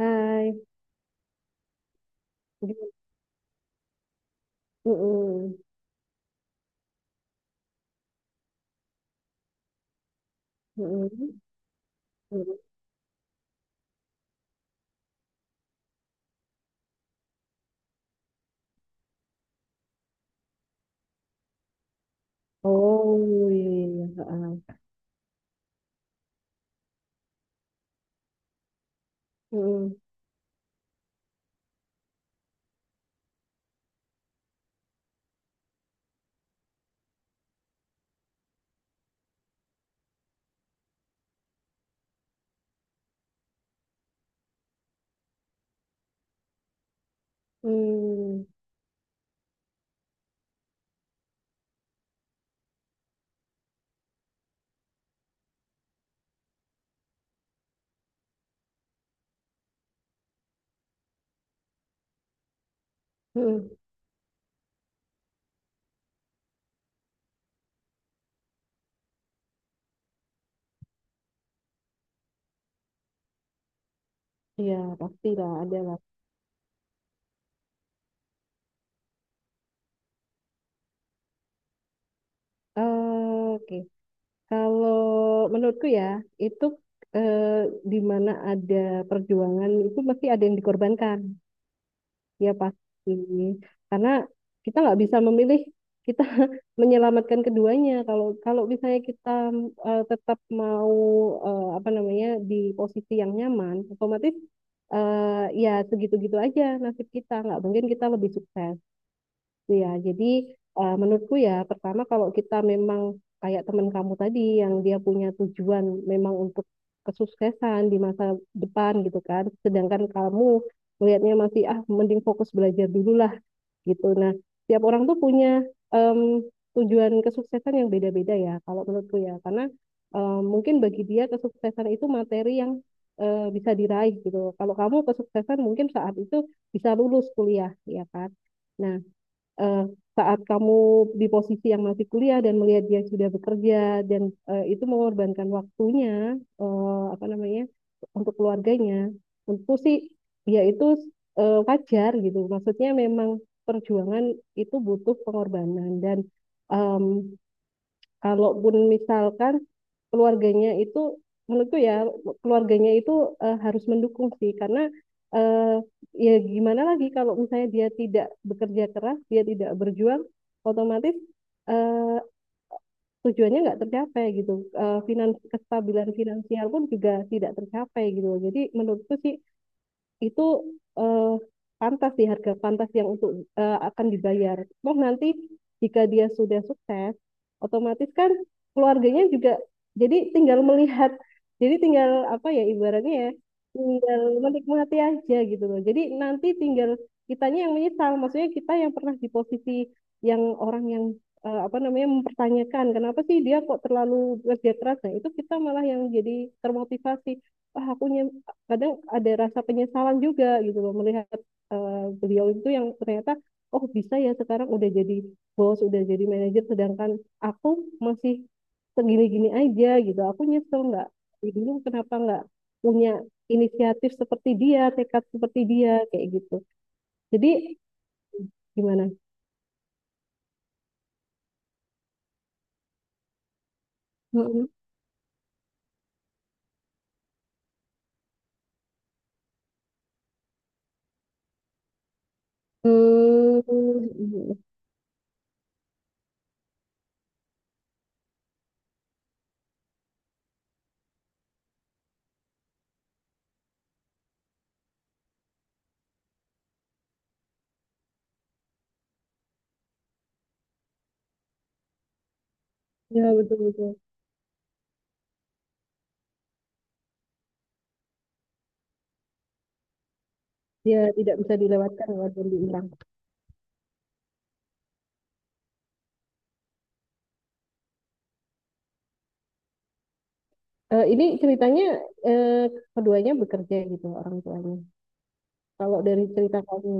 Hai, Di- Mm-mm. Mm-mm. Mm-mm. Oh iya, iya, iya. Ha-ha. Mm-mm. Mm. Mm-mm. Iya, pastilah ada lah. Oke, kalau menurutku ya itu eh, di mana ada perjuangan itu mesti ada yang dikorbankan. Ya pasti. Karena kita nggak bisa memilih kita menyelamatkan keduanya. Kalau kalau misalnya kita tetap mau, apa namanya, di posisi yang nyaman, otomatis, eh, ya segitu-gitu aja nasib kita. Nggak mungkin kita lebih sukses. Iya, jadi menurutku ya, pertama kalau kita memang kayak teman kamu tadi yang dia punya tujuan memang untuk kesuksesan di masa depan gitu kan, sedangkan kamu melihatnya masih ah mending fokus belajar dulu lah gitu. Nah, tiap orang tuh punya em, tujuan kesuksesan yang beda-beda ya kalau menurutku ya, karena mungkin bagi dia kesuksesan itu materi yang bisa diraih gitu. Kalau kamu kesuksesan mungkin saat itu bisa lulus kuliah, ya kan? Nah, eh, saat kamu di posisi yang masih kuliah dan melihat dia sudah bekerja dan itu mengorbankan waktunya, apa namanya, untuk keluarganya, tentu sih ya itu wajar gitu, maksudnya memang perjuangan itu butuh pengorbanan dan um, kalaupun misalkan keluarganya itu, menurutku ya, keluarganya itu harus mendukung sih karena eh, ya gimana lagi kalau misalnya dia tidak bekerja keras, dia tidak berjuang, otomatis eh, tujuannya nggak tercapai gitu. Eh, finans kestabilan finansial pun juga tidak tercapai gitu. Jadi menurutku sih itu eh, pantas sih, harga pantas yang untuk akan dibayar. Toh nanti jika dia sudah sukses, otomatis kan keluarganya juga jadi tinggal melihat, jadi tinggal apa ya ibaratnya ya, tinggal menikmati aja gitu loh. Jadi nanti tinggal kitanya yang menyesal, maksudnya kita yang pernah di posisi yang orang yang apa namanya mempertanyakan kenapa sih dia kok terlalu kerja keras. Nah, itu kita malah yang jadi termotivasi. Wah, kadang ada rasa penyesalan juga gitu loh melihat eh, beliau itu yang ternyata oh bisa ya sekarang udah jadi bos udah jadi manajer sedangkan aku masih segini-gini aja gitu, aku nyesel nggak dulu kenapa nggak punya inisiatif seperti dia, tekad seperti dia kayak gitu. Jadi gimana? Mm-mm. Hmm, ya betul-betul. Ya tidak bisa dilewatkan walaupun diulang. Eh, ini ceritanya eh, keduanya bekerja gitu orang tuanya. Kalau dari cerita kamu,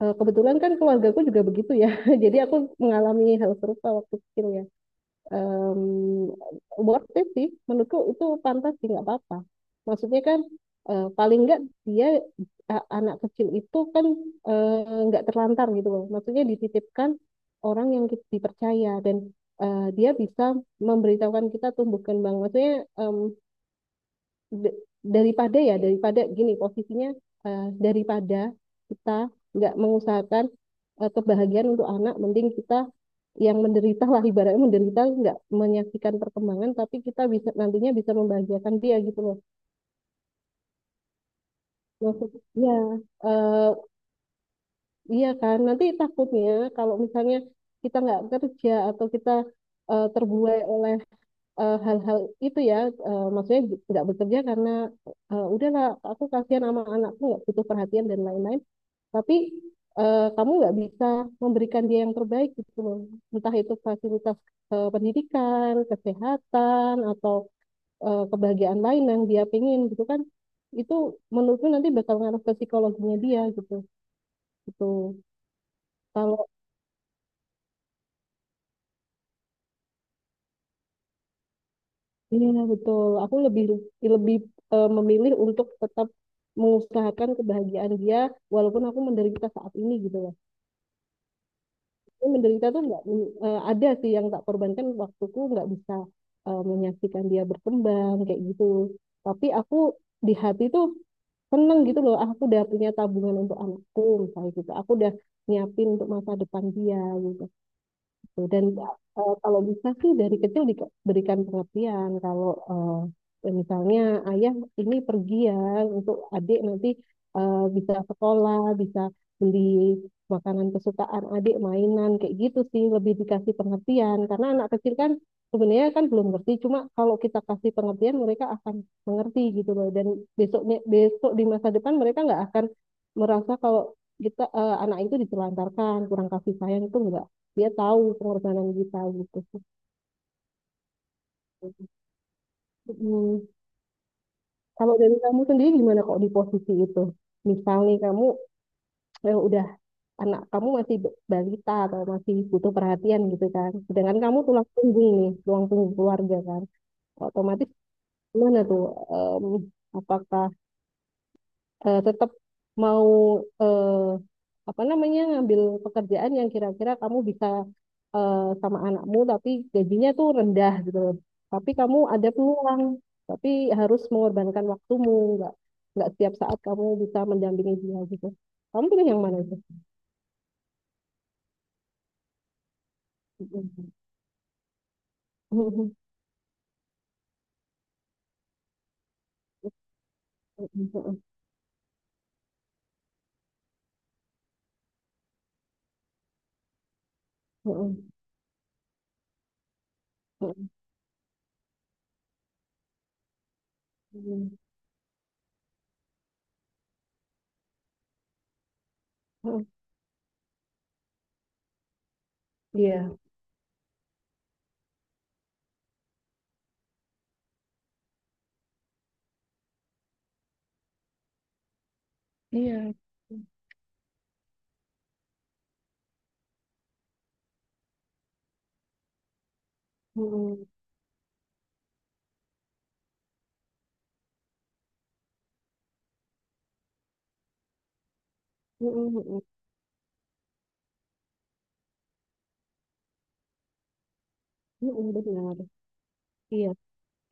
eh, kebetulan kan keluargaku juga begitu ya. Jadi aku mengalami hal serupa waktu kecil ya. Em, Worth it sih, menurutku itu pantas sih nggak apa-apa. Maksudnya kan paling nggak dia anak kecil itu kan nggak terlantar gitu loh. Maksudnya dititipkan orang yang dipercaya dan dia bisa memberitahukan kita tumbuh kembang. Maksudnya em, d- daripada ya daripada gini posisinya daripada kita nggak mengusahakan kebahagiaan untuk anak, mending kita yang menderita lah ibaratnya, menderita nggak menyaksikan perkembangan tapi kita bisa nantinya bisa membahagiakan dia gitu loh, maksudnya eh, iya kan nanti takutnya kalau misalnya kita nggak kerja atau kita terbuai oleh hal-hal itu ya, maksudnya nggak bekerja karena udahlah aku kasihan sama anakku nggak butuh perhatian dan lain-lain tapi kamu nggak bisa memberikan dia yang terbaik gitu loh, entah itu fasilitas pendidikan kesehatan atau kebahagiaan lain yang dia pengen gitu kan, itu menurutku nanti bakal ngaruh ke psikologinya dia gitu gitu kalau. Iya betul. Aku lebih lebih memilih untuk tetap mengusahakan kebahagiaan dia walaupun aku menderita saat ini gitu loh. Ini menderita tuh nggak ada sih yang tak korbankan waktuku nggak bisa menyaksikan dia berkembang kayak gitu. Tapi aku di hati tuh seneng gitu loh. Ah, aku udah punya tabungan untuk anakku misalnya gitu. Aku udah nyiapin untuk masa depan dia. Gitu gitu. Dan kalau bisa sih dari kecil diberikan pengertian kalau eh, ya misalnya ayah ini pergi ya untuk adik nanti bisa sekolah, bisa beli makanan kesukaan adik, mainan kayak gitu sih lebih dikasih pengertian karena anak kecil kan sebenarnya kan belum ngerti, cuma kalau kita kasih pengertian mereka akan mengerti gitu loh, dan besoknya besok di masa depan mereka nggak akan merasa kalau kita eh, anak itu ditelantarkan kurang kasih sayang itu enggak, dia tahu pengorbanan kita gitu. Mm. Kalau dari kamu sendiri gimana kok di posisi itu? Misalnya kamu udah anak kamu masih balita atau masih butuh perhatian gitu kan. Sedangkan kamu tulang punggung nih, tulang punggung keluarga kan. Otomatis gimana tuh? Em, Apakah tetap mau, eh, apa namanya, ngambil pekerjaan yang kira-kira kamu bisa eh, sama anakmu tapi gajinya tuh rendah gitu loh. Tapi kamu ada peluang, tapi harus mengorbankan waktumu, nggak nggak setiap saat kamu bisa mendampingi dia gitu. Kamu pilih yang mana itu? Iya, iya. Mm-mm. Mm-mm. Mm-mm. Benar. Iya,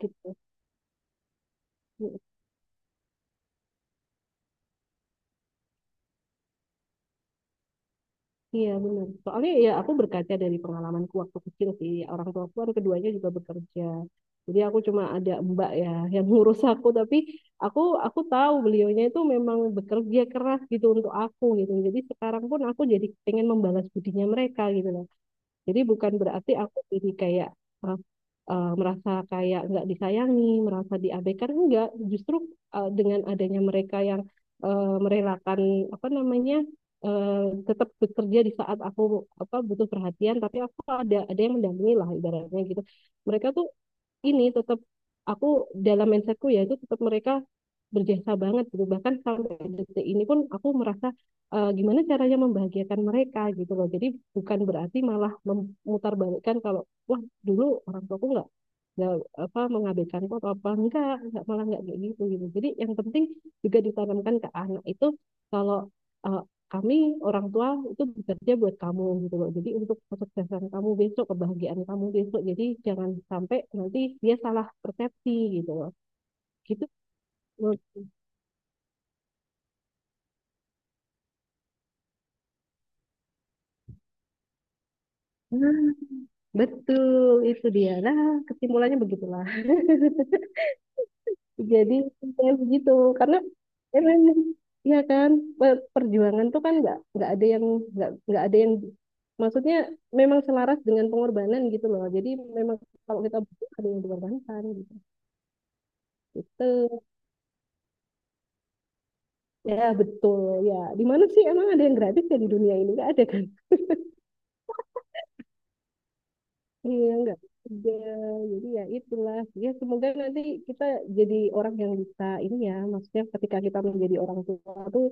gitu. Iya benar. Soalnya ya aku berkaca dari pengalamanku waktu kecil sih. Orang tua aku kan keduanya juga bekerja. Jadi aku cuma ada mbak ya yang ngurus aku. Tapi aku aku tahu beliaunya itu memang bekerja keras gitu untuk aku gitu. Jadi sekarang pun aku jadi pengen membalas budinya mereka gitu. Jadi bukan berarti aku jadi kayak eh, merasa kayak nggak disayangi, merasa diabaikan enggak. Justru dengan adanya mereka yang merelakan apa namanya eh, tetap bekerja di saat aku apa butuh perhatian, tapi aku ada yang mendampingi lah ibaratnya gitu. Mereka tuh ini tetap aku dalam mindsetku ya itu tetap mereka berjasa banget gitu, bahkan sampai detik ini pun aku merasa gimana caranya membahagiakan mereka gitu loh. Jadi bukan berarti malah memutarbalikkan kalau wah dulu orang tuaku nggak apa mengabaikanku atau apa enggak malah nggak kayak gitu gitu. Jadi yang penting juga ditanamkan ke anak itu kalau eh, kami orang tua itu bekerja buat kamu gitu loh. Jadi untuk kesuksesan kamu besok, kebahagiaan kamu besok. Jadi jangan sampai nanti dia salah persepsi gitu loh. Gitu. Nah, betul itu dia. Nah, kesimpulannya begitulah. Jadi kayak begitu karena emang ya kan, perjuangan tuh kan nggak ada yang maksudnya memang selaras dengan pengorbanan gitu loh. Jadi memang kalau kita butuh ada yang dikorbankan gitu. Gitu. Ya, betul. Ya, di mana sih emang ada yang gratis ya di dunia ini? Nggak ada kan? Iya, nggak ada. Jadi ya itulah. Ya, semoga nanti kita jadi orang yang bisa ini ya. Maksudnya ketika kita menjadi orang tua tuh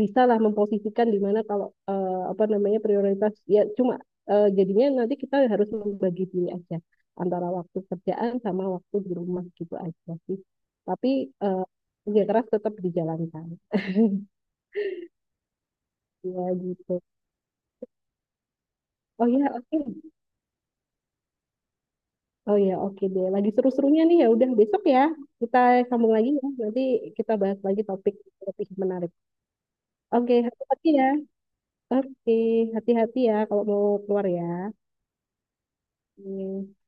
bisa lah memposisikan di mana kalau eh, apa namanya prioritas ya, cuma jadinya nanti kita harus membagi diri aja antara waktu kerjaan sama waktu di rumah gitu aja sih. Tapi eh, kerja keras tetap dijalankan. Ya gitu. Oh ya, oke. Oh ya, oke deh. Lagi seru-serunya nih ya. Udah besok ya kita sambung lagi ya. Nanti kita bahas lagi topik topik menarik. Oke, hati-hati ya. Oke, hati-hati ya kalau mau keluar ya. Oke.